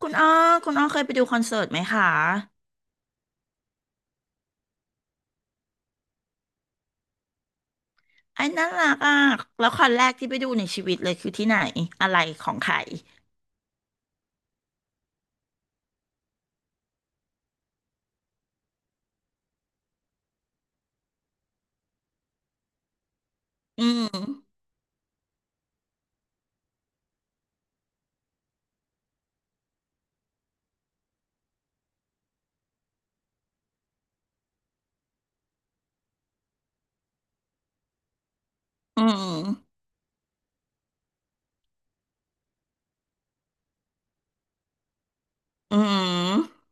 คุณอ้อคุณอ้อเคยไปดูคอนเสิร์ตไหมคะไอ้น่ารักอ่ะแล้วคอนแรกที่ไปดูในชีวิตเลยคือที่ไหนอะไรของใครอืมอืมอืม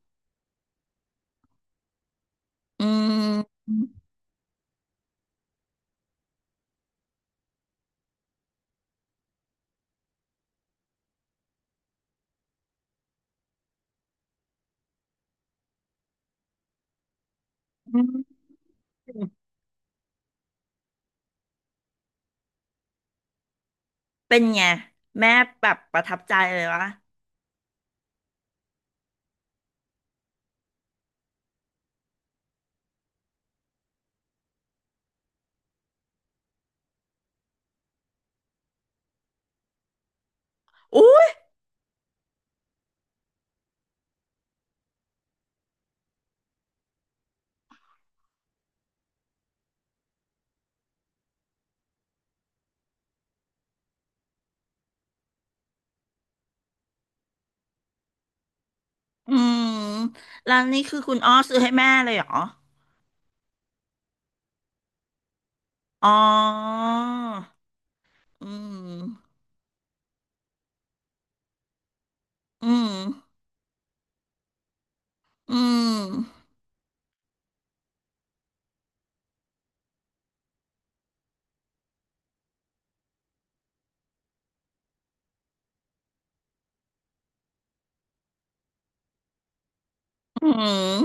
อืมอืมเป็นไงแม่แบบประทับใจเลยวะอุ้ยอืมแล้วนี่คือคุณอ้อซื้อให้แม่เลยเหรออ๋ออืมอืมอืมอืม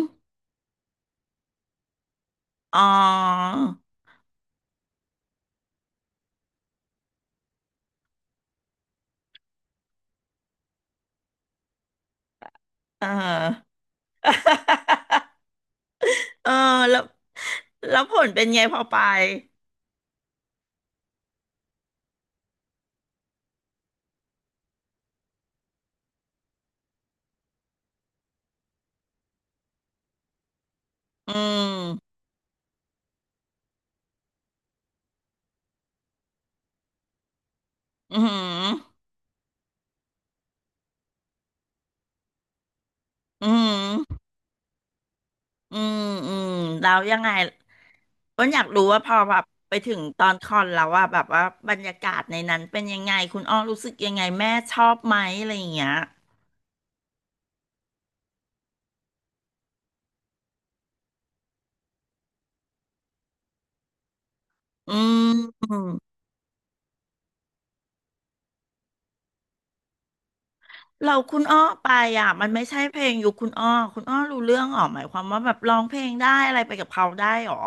อ๋อเออ เออแล้วแล้วผลเป็นไงพอไปอืมอืมอหืมอมอืมอืมแล้วยังไงก็อยากรู้ว่าพอแบบไปถึงตอนคอนแล้วว่าแบบว่าบรรยากาศในนั้นเป็นยังไงคุณอ้อรู้สึกยังไงแม่ชอบไหมอะไรอย่างเงี้ยอืมเราคุณอ้อไปอ่ะมันไม่ใช่เพลงยุคคุณอ้อคุณอ้อรู้เรื่องหรอหมายความว่าแบบร้องเพลงได้อะไรไปกับเขาได้หรอ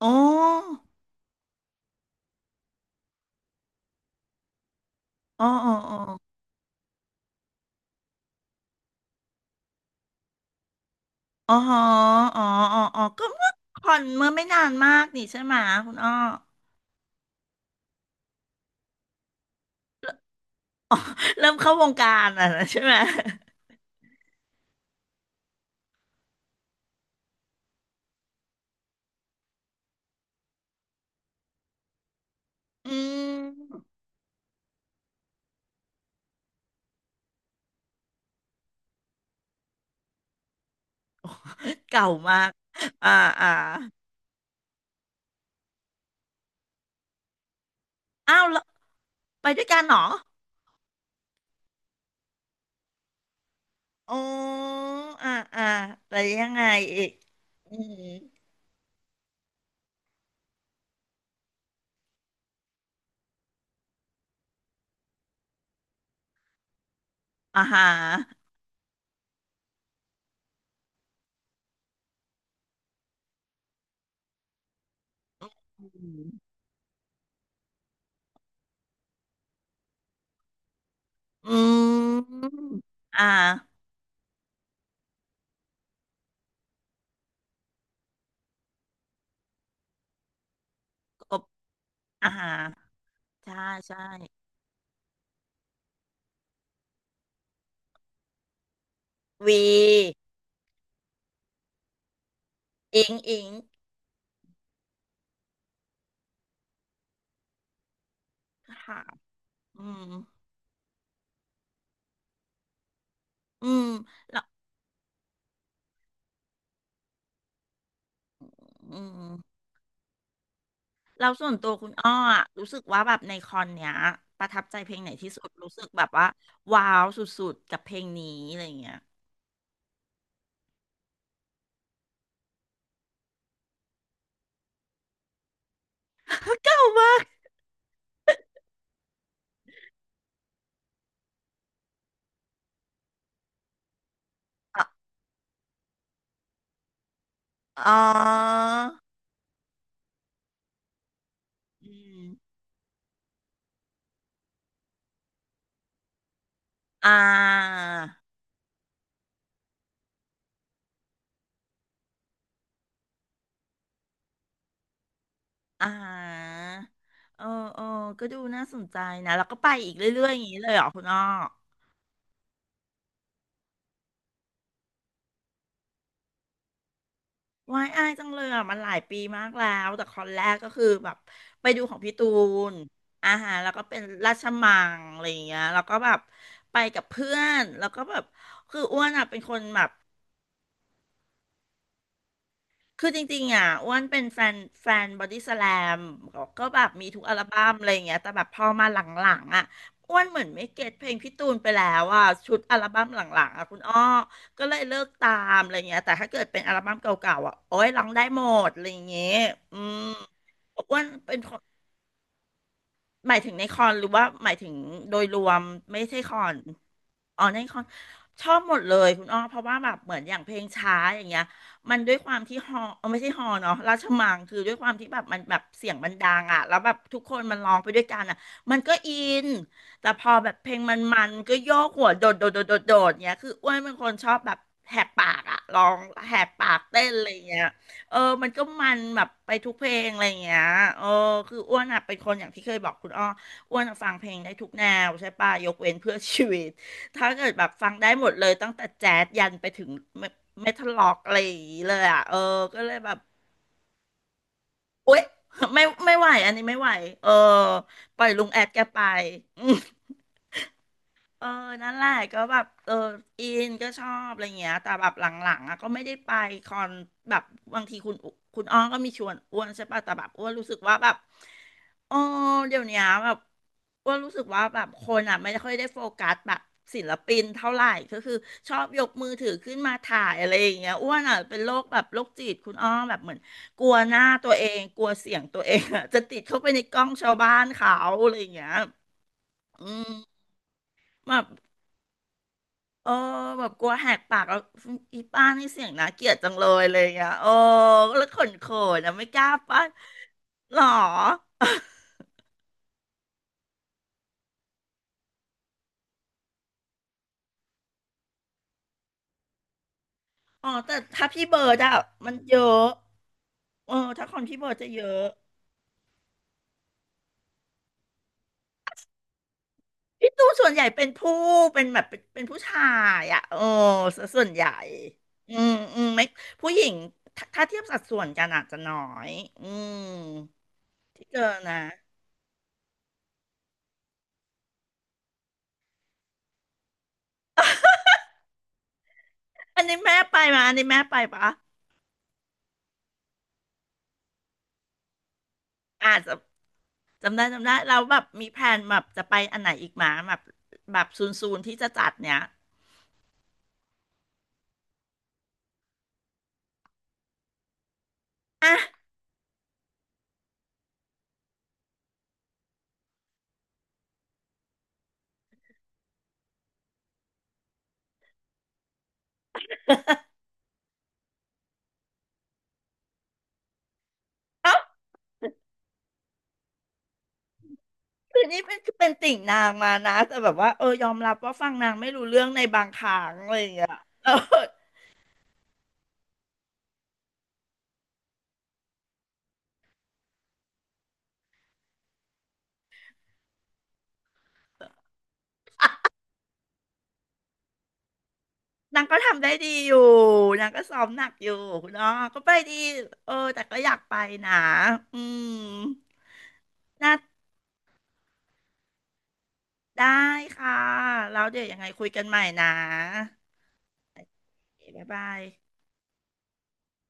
อ๋ออ๋ออ๋อ อ๋ออ๋ออ๋ออ๋อก็เมื่อคอนเมื่อไม่นานมากนี่ใช่ไหมคุณอ้อ เริ่มเข้าวงการอ่ะนะใช่ไหมอืมเก่ามากอ่าอ่าอ้าวแล้วไปด้วยกันเหรออ๋ออ่าอ่าแต่ยังไงอีกอืมอ่าฮะอืมอืมอ่ากบอ่าฮะใช่ใช่วีอิงอิงค่ะอืมอืมอืม เราส่วนตัวคุณอ้ออะรู้สึกว่าแบบในคอนเนี้ยประทับใจเพลงไหนที่สุดรู้สึกแบบว่าว้าวสุดๆกับเพลงนี้อะไรอย่างเงี้ย เก่ามากอะอ๋ออืมอ่าอ่าเออเออก็ดูน่าสนใจนะแล้วก็ไปอีกเรื่อยๆอย่างนี้เลยเหรอคุณอ้อ วายอายจังเลยอ่ะมันหลายปีมากแล้วแต่คอนแรกก็คือแบบไปดูของพี่ตูนอาหารแล้วก็เป็นราชมังอะไรอย่างเงี้ยแล้วก็แบบไปกับเพื่อนแล้วก็แบบคืออ้วนอ่ะเป็นคนแบบ คือจริงๆอ่ะอ้วนเป็นแฟนแฟนบอดี้สแลมก็แบบมีทุกอัลบั้มอะไรอย่างเงี้ยแต่แบบพอมาหลังๆอ่ะอ้วนเหมือนไม่เก็ตเพลงพี่ตูนไปแล้วอ่ะชุดอัลบั้มหลังๆอ่ะคุณอ้อก็เลยเลิกตามอะไรเงี้ยแต่ถ้าเกิดเป็นอัลบั้มเก่าๆอ่ะโอ้ยร้องได้หมดอะไรอย่างเงี้ยอืมอ้วนเป็น หมายถึงในคอนหรือว่าหมายถึงโดยรวมไม่ใช่คอนอ๋อในคอนชอบหมดเลยคุณอ้อเพราะว่าแบบเหมือนอย่างเพลงช้าอย่างเงี้ยมันด้วยความที่ฮอเออไม่ใช่ฮอเนาะราชมังคือด้วยความที่แบบมันแบบเสียงมันดังอ่ะแล้วแบบทุกคนมันร้องไปด้วยกันอ่ะมันก็อินแต่พอแบบเพลงมันก็โยกหัวโดดโดดโดดโดดโดดเงี้ยคืออ้วนเป็นคนชอบแบบแหกปากอ่ะร้องแหกปากเต้นอะไรเงี้ย เออมันก็มันแบบไปทุกเพลงอะไรอย่างเงี้ยเออคืออ้วนอ่ะเป็นคนอย่างที่เคยบอกคุณอ้ออ้วนอะฟังเพลงได้ทุกแนวใช่ป่ะยกเว้นเพื่อชีวิต ถ้าเกิดแบบฟังได้หมดเลยตั้งแต่แจ๊สยันไปถึงเมทัลล็อกอะไรอย่างงี้เลยอ่ะ เออก็เลยแบบอุ๊ยไม่ไม่ไหวอันนี้ไม่ไหวเออ ปล่อยลุงแอดแกไปอืม เออนั่นแหละก็แบบเอออินก็ชอบอะไรเงี้ยแต่แบบหลังๆอ่ะก็ไม่ได้ไปคอนแบบบางทีคุณอ้อก็มีชวนอ้วนใช่ป่ะแต่แบบอ้วนรู้สึกว่าแบบเออเดี๋ยวเนี้ยแบบอ้วนรู้สึกว่าแบบคนอ่ะไม่ค่อยได้โฟกัสแบบศิลปินเท่าไหร่ก็คือชอบยกมือถือขึ้นมาถ่ายอะไรอย่างเงี้ยอ้วนอ่ะเป็นโรคแบบโรคจิตคุณอ้อแบบเหมือนกลัวหน้าตัวเองกลัวเสียงตัวเองอ่ะจะติดเข้าไปในกล้องชาวบ้านเขาอะไรอย่างเงี้ยอืมแบบ เออแบบกลัวแหกปากแล้วอีป้านี่เสียงน่าเกลียดจังเลยอ่ะโอ้แล้วขนโขนอ่ะไม่กล้าป้าหรออ๋อแต่ถ้าพี่เบิร์ดอะมันเยอะเออถ้าคนพี่เบิร์ดจะเยอะพี่ตูนส่วนใหญ่เป็นผู้เป็นแบบเป็นเป็นผู้ชายอะเออซะส่วนใหญ่อืมอืมไม่ผู้หญิงถ้าเทียบสัดส่วนกันอาจจะน้อยอืมที่เจอนะอันนี้แม่ไปมาอันนี้แม่ไปปะอาจจะ จำได้จำได้เราแบบมีแพลนแบบจะไปอันไหนอีกหมาแบบแบบซูนซูนที่จะจัดเนี้ยอ่ะเอ้าคือนี่เป็นคือเป็นติ่งนางมานะแต่แบบว่าเออยอมรับว่าฟังนางไม่รู้เรื่องในบางครั้งอะไรอย่างเงี้ยเออนางก็ทำได้ดีอยู่นางก็ซ้อมหนักอยู่คุณอ้อก็ไปดีเออแต่ก็อยากไปนะอืมน่าได้ค่ะแล้วเดี๋ยวยังไงคุยกันใหม่นะบ๊ายบาย